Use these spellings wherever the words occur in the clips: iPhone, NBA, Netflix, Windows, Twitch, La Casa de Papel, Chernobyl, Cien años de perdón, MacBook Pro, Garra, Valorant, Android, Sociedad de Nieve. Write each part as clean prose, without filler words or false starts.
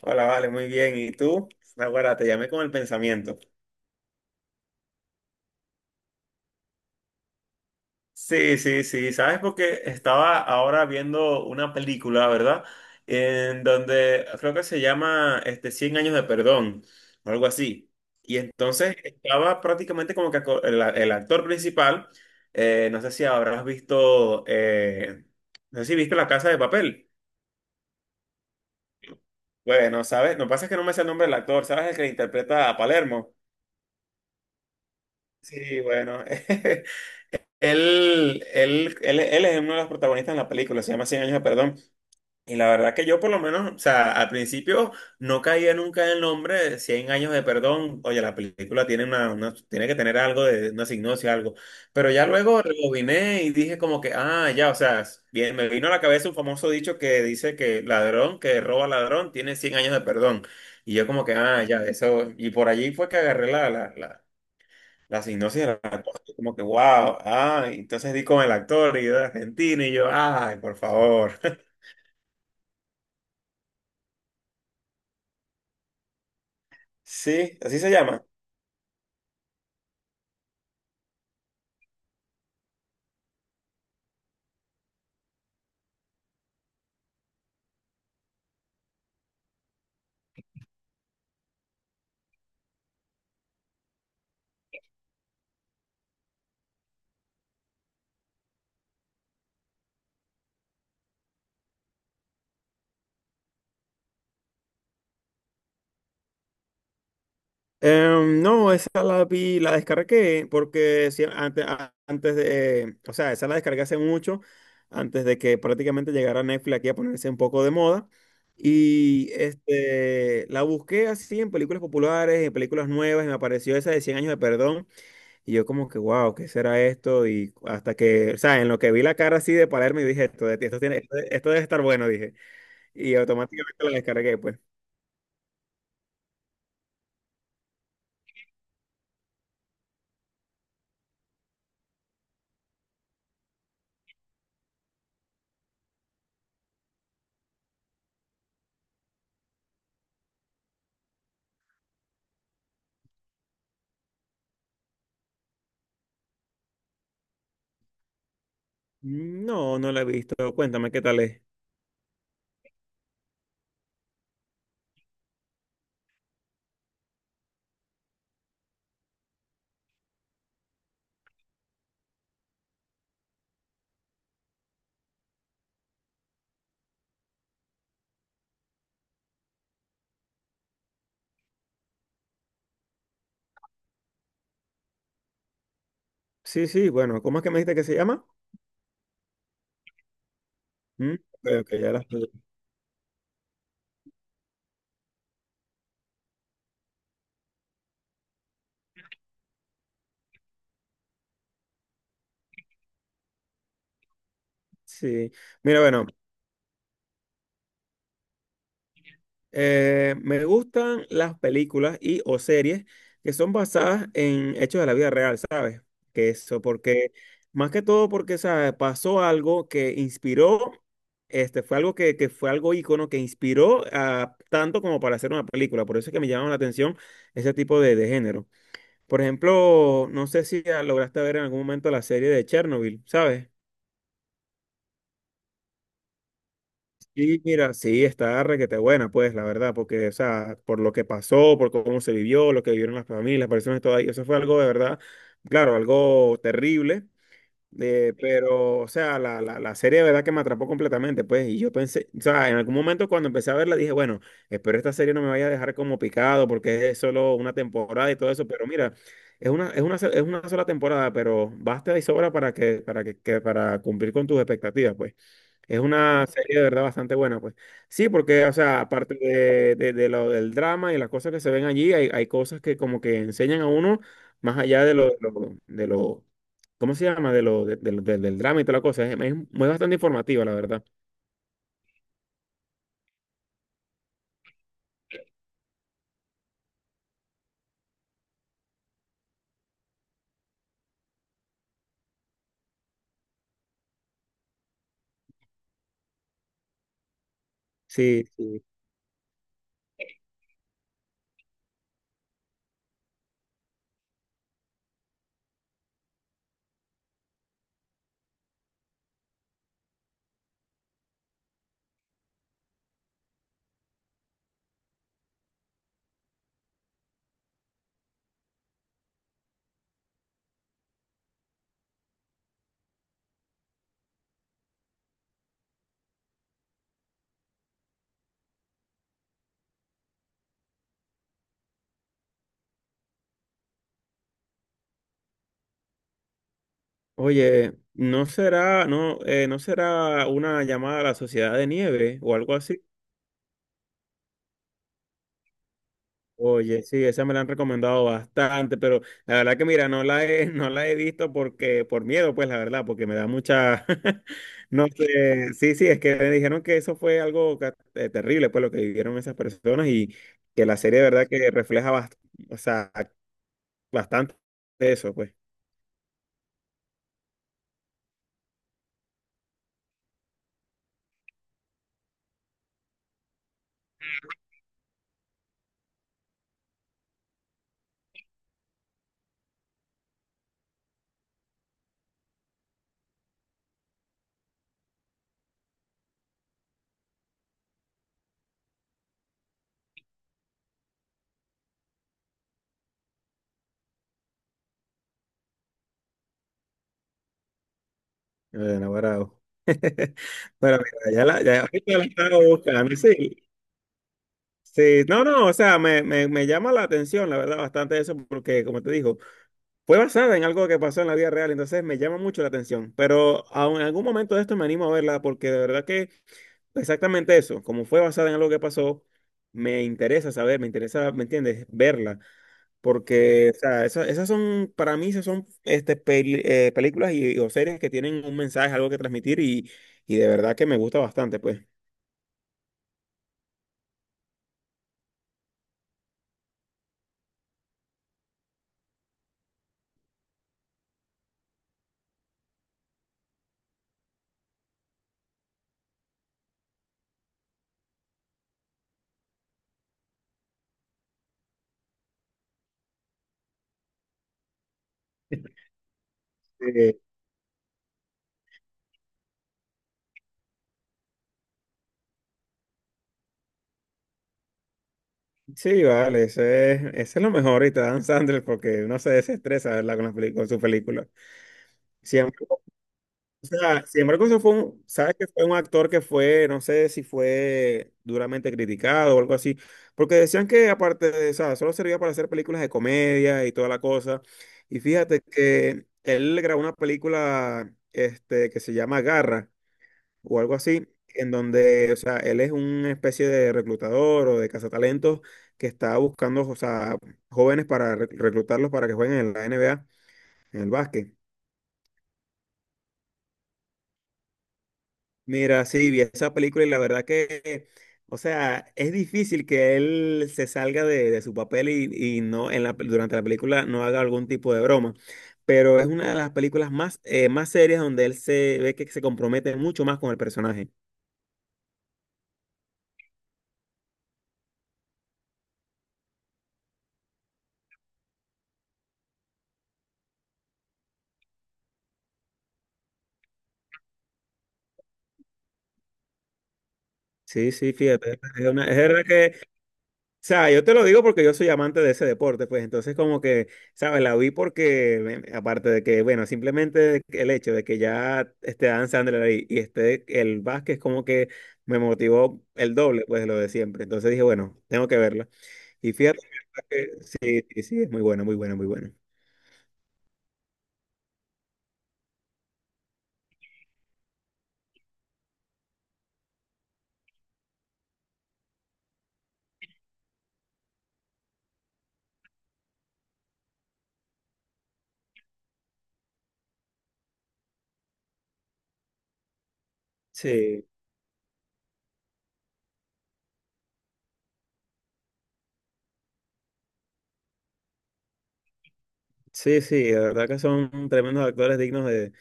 Hola, vale, muy bien. ¿Y tú? Ahora te llamé con el pensamiento. Sí, sí, sí. ¿Sabes? Porque estaba ahora viendo una película, ¿verdad? En donde creo que se llama este, Cien años de perdón o algo así. Y entonces estaba prácticamente como que el actor principal, no sé si habrás visto, no sé si viste La Casa de Papel. Bueno, ¿sabes? Lo que pasa es que no me sé el nombre del actor. ¿Sabes el que interpreta a Palermo? Sí, bueno. Él es uno de los protagonistas en la película, se llama Cien años de perdón. Y la verdad que yo por lo menos, o sea, al principio no caía nunca en el nombre de 100 años de perdón. Oye, la película tiene tiene que tener algo de una signosia, algo. Pero ya luego rebobiné y dije como que, ah, ya, o sea, bien, me vino a la cabeza un famoso dicho que dice que ladrón que roba ladrón tiene cien años de perdón. Y yo como que, ah, ya, eso. Y por allí fue que agarré la sinopsis de la cosa, como que wow, ah, entonces di con el actor y yo de Argentina y yo, ay, por favor. Sí, así se llama. No, esa la vi, la descargué porque sí, antes de, o sea, esa la descargué hace mucho, antes de que prácticamente llegara Netflix aquí a ponerse un poco de moda. Y este, la busqué así en películas populares, en películas nuevas, y me apareció esa de Cien años de perdón. Y yo como que, wow, ¿qué será esto? Y hasta que, o sea, en lo que vi la cara así de Palermo y dije, esto, de esto tiene, esto debe estar bueno, dije. Y automáticamente la descargué, pues. No, no la he visto. Cuéntame qué tal es. Sí, sí, bueno, ¿cómo es que me dijiste que se llama? Mm, ok, ok, ya la estoy-. Sí. Mira, bueno, me gustan las películas y o series que son basadas en hechos de la vida real, ¿sabes? Que eso, porque más que todo porque, ¿sabes? Pasó algo que inspiró, este, fue algo que fue algo ícono que inspiró a tanto como para hacer una película. Por eso es que me llama la atención ese tipo de género. Por ejemplo, no sé si ya lograste ver en algún momento la serie de Chernobyl, ¿sabes? Y mira, sí, está requete buena, pues, la verdad, porque, o sea, por lo que pasó, por cómo se vivió, lo que vivieron las familias, las personas y todo ahí, eso fue algo de verdad, claro, algo terrible, pero, o sea, la serie de verdad que me atrapó completamente, pues, y yo pensé, o sea, en algún momento cuando empecé a verla dije, bueno, espero esta serie no me vaya a dejar como picado porque es solo una temporada y todo eso, pero mira, es una sola temporada, pero basta y sobra para que, para cumplir con tus expectativas, pues. Es una serie de verdad bastante buena, pues. Sí, porque, o sea, aparte de, de lo del drama y las cosas que se ven allí, hay cosas que como que enseñan a uno más allá de lo, ¿cómo se llama? De lo, de lo- del del drama y toda la cosa. Es muy bastante informativa, la verdad. Sí, sí. Oye, ¿no será, no, no será una llamada a la Sociedad de Nieve o algo así? Oye, sí, esa me la han recomendado bastante, pero la verdad que mira, no la he, no la he visto porque, por miedo, pues la verdad, porque me da mucha, no sé, sí, sí, es que me dijeron que eso fue algo terrible, pues lo que vivieron esas personas y que la serie de verdad que refleja o sea, bastante eso, pues, enamorado. Bueno, mira, ya la, ya ahorita la estaba buscando, sí. Sí, no, no, o sea, me llama la atención, la verdad, bastante eso, porque como te digo, fue basada en algo que pasó en la vida real, entonces me llama mucho la atención, pero aun en algún momento de esto me animo a verla porque de verdad que exactamente eso, como fue basada en algo que pasó, me interesa saber, me interesa, ¿me entiendes? Verla, porque o sea, esa- esas, son, para mí, esas son este, películas y, o series que tienen un mensaje, algo que transmitir y de verdad que me gusta bastante, pues. Eh, sí, vale, ese es lo mejor y te dan Sandler porque no se desestresa, ¿verdad? Con, con sus películas. Siempre. O sea, sin embargo, eso fue un, sabes que fue un actor que fue, no sé si fue duramente criticado o algo así, porque decían que aparte de, o sea, solo servía para hacer películas de comedia y toda la cosa. Y fíjate que él grabó una película, este, que se llama Garra o algo así, en donde, o sea, él es una especie de reclutador o de cazatalentos que está buscando, o sea, jóvenes para reclutarlos para que jueguen en la NBA, en el básquet. Mira, sí, vi esa película y la verdad que, o sea, es difícil que él se salga de su papel y no en la, durante la película no haga algún tipo de broma. Pero es una de las películas más, más serias donde él se ve que se compromete mucho más con el personaje. Sí, sí, fíjate. Es, es verdad que o sea, yo te lo digo porque yo soy amante de ese deporte, pues entonces como que, ¿sabes? La vi porque, aparte de que, bueno, simplemente el hecho de que ya esté Dan Sandler ahí y esté el Vázquez como que me motivó el doble, pues, de lo de siempre. Entonces dije, bueno, tengo que verla. Y fíjate que sí, sí, sí, es muy buena, muy buena, muy buena. Sí, sí, sí, de verdad que son tremendos actores dignos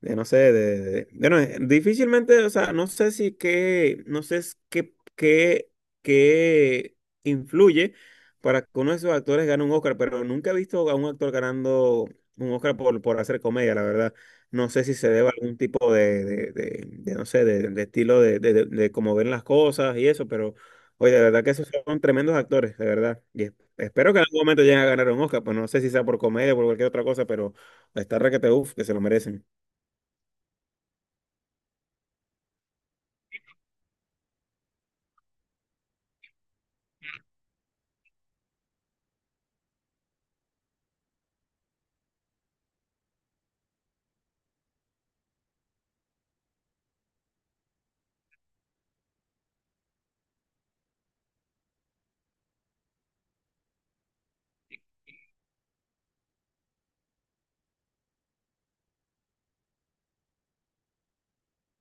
de no sé, de- bueno, difícilmente, o sea, no sé si qué, no sé es qué, qué, qué influye para que uno de esos actores gane un Oscar, pero nunca he visto a un actor ganando un Oscar por hacer comedia, la verdad. No sé si se debe a algún tipo de, no sé, de estilo de cómo ven las cosas y eso, pero, oye, de verdad que esos son tremendos actores, de verdad. Y espero que en algún momento lleguen a ganar un Oscar, pues no sé si sea por comedia o por cualquier otra cosa, pero está requete, uff, que se lo merecen.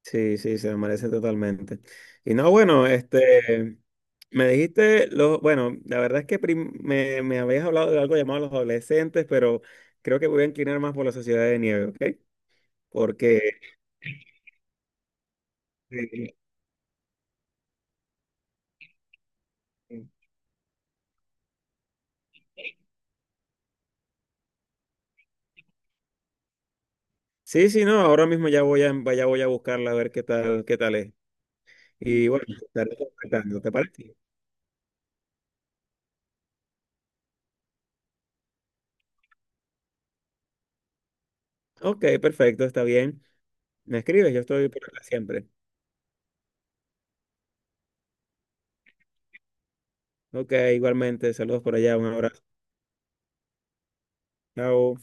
Sí, sí, se me merece totalmente. Y no, bueno, este, me dijiste, lo, bueno, la verdad es que me, me habías hablado de algo llamado Los adolescentes, pero creo que voy a inclinar más por La sociedad de nieve, ¿ok? Porque, eh, sí, sí, no, ahora mismo ya voy a buscarla a ver qué tal es. Y bueno, te estaré contactando, ¿te parece? Ok, perfecto, está bien. Me escribes, yo estoy por acá siempre. Ok, igualmente, saludos por allá, un abrazo. Chao.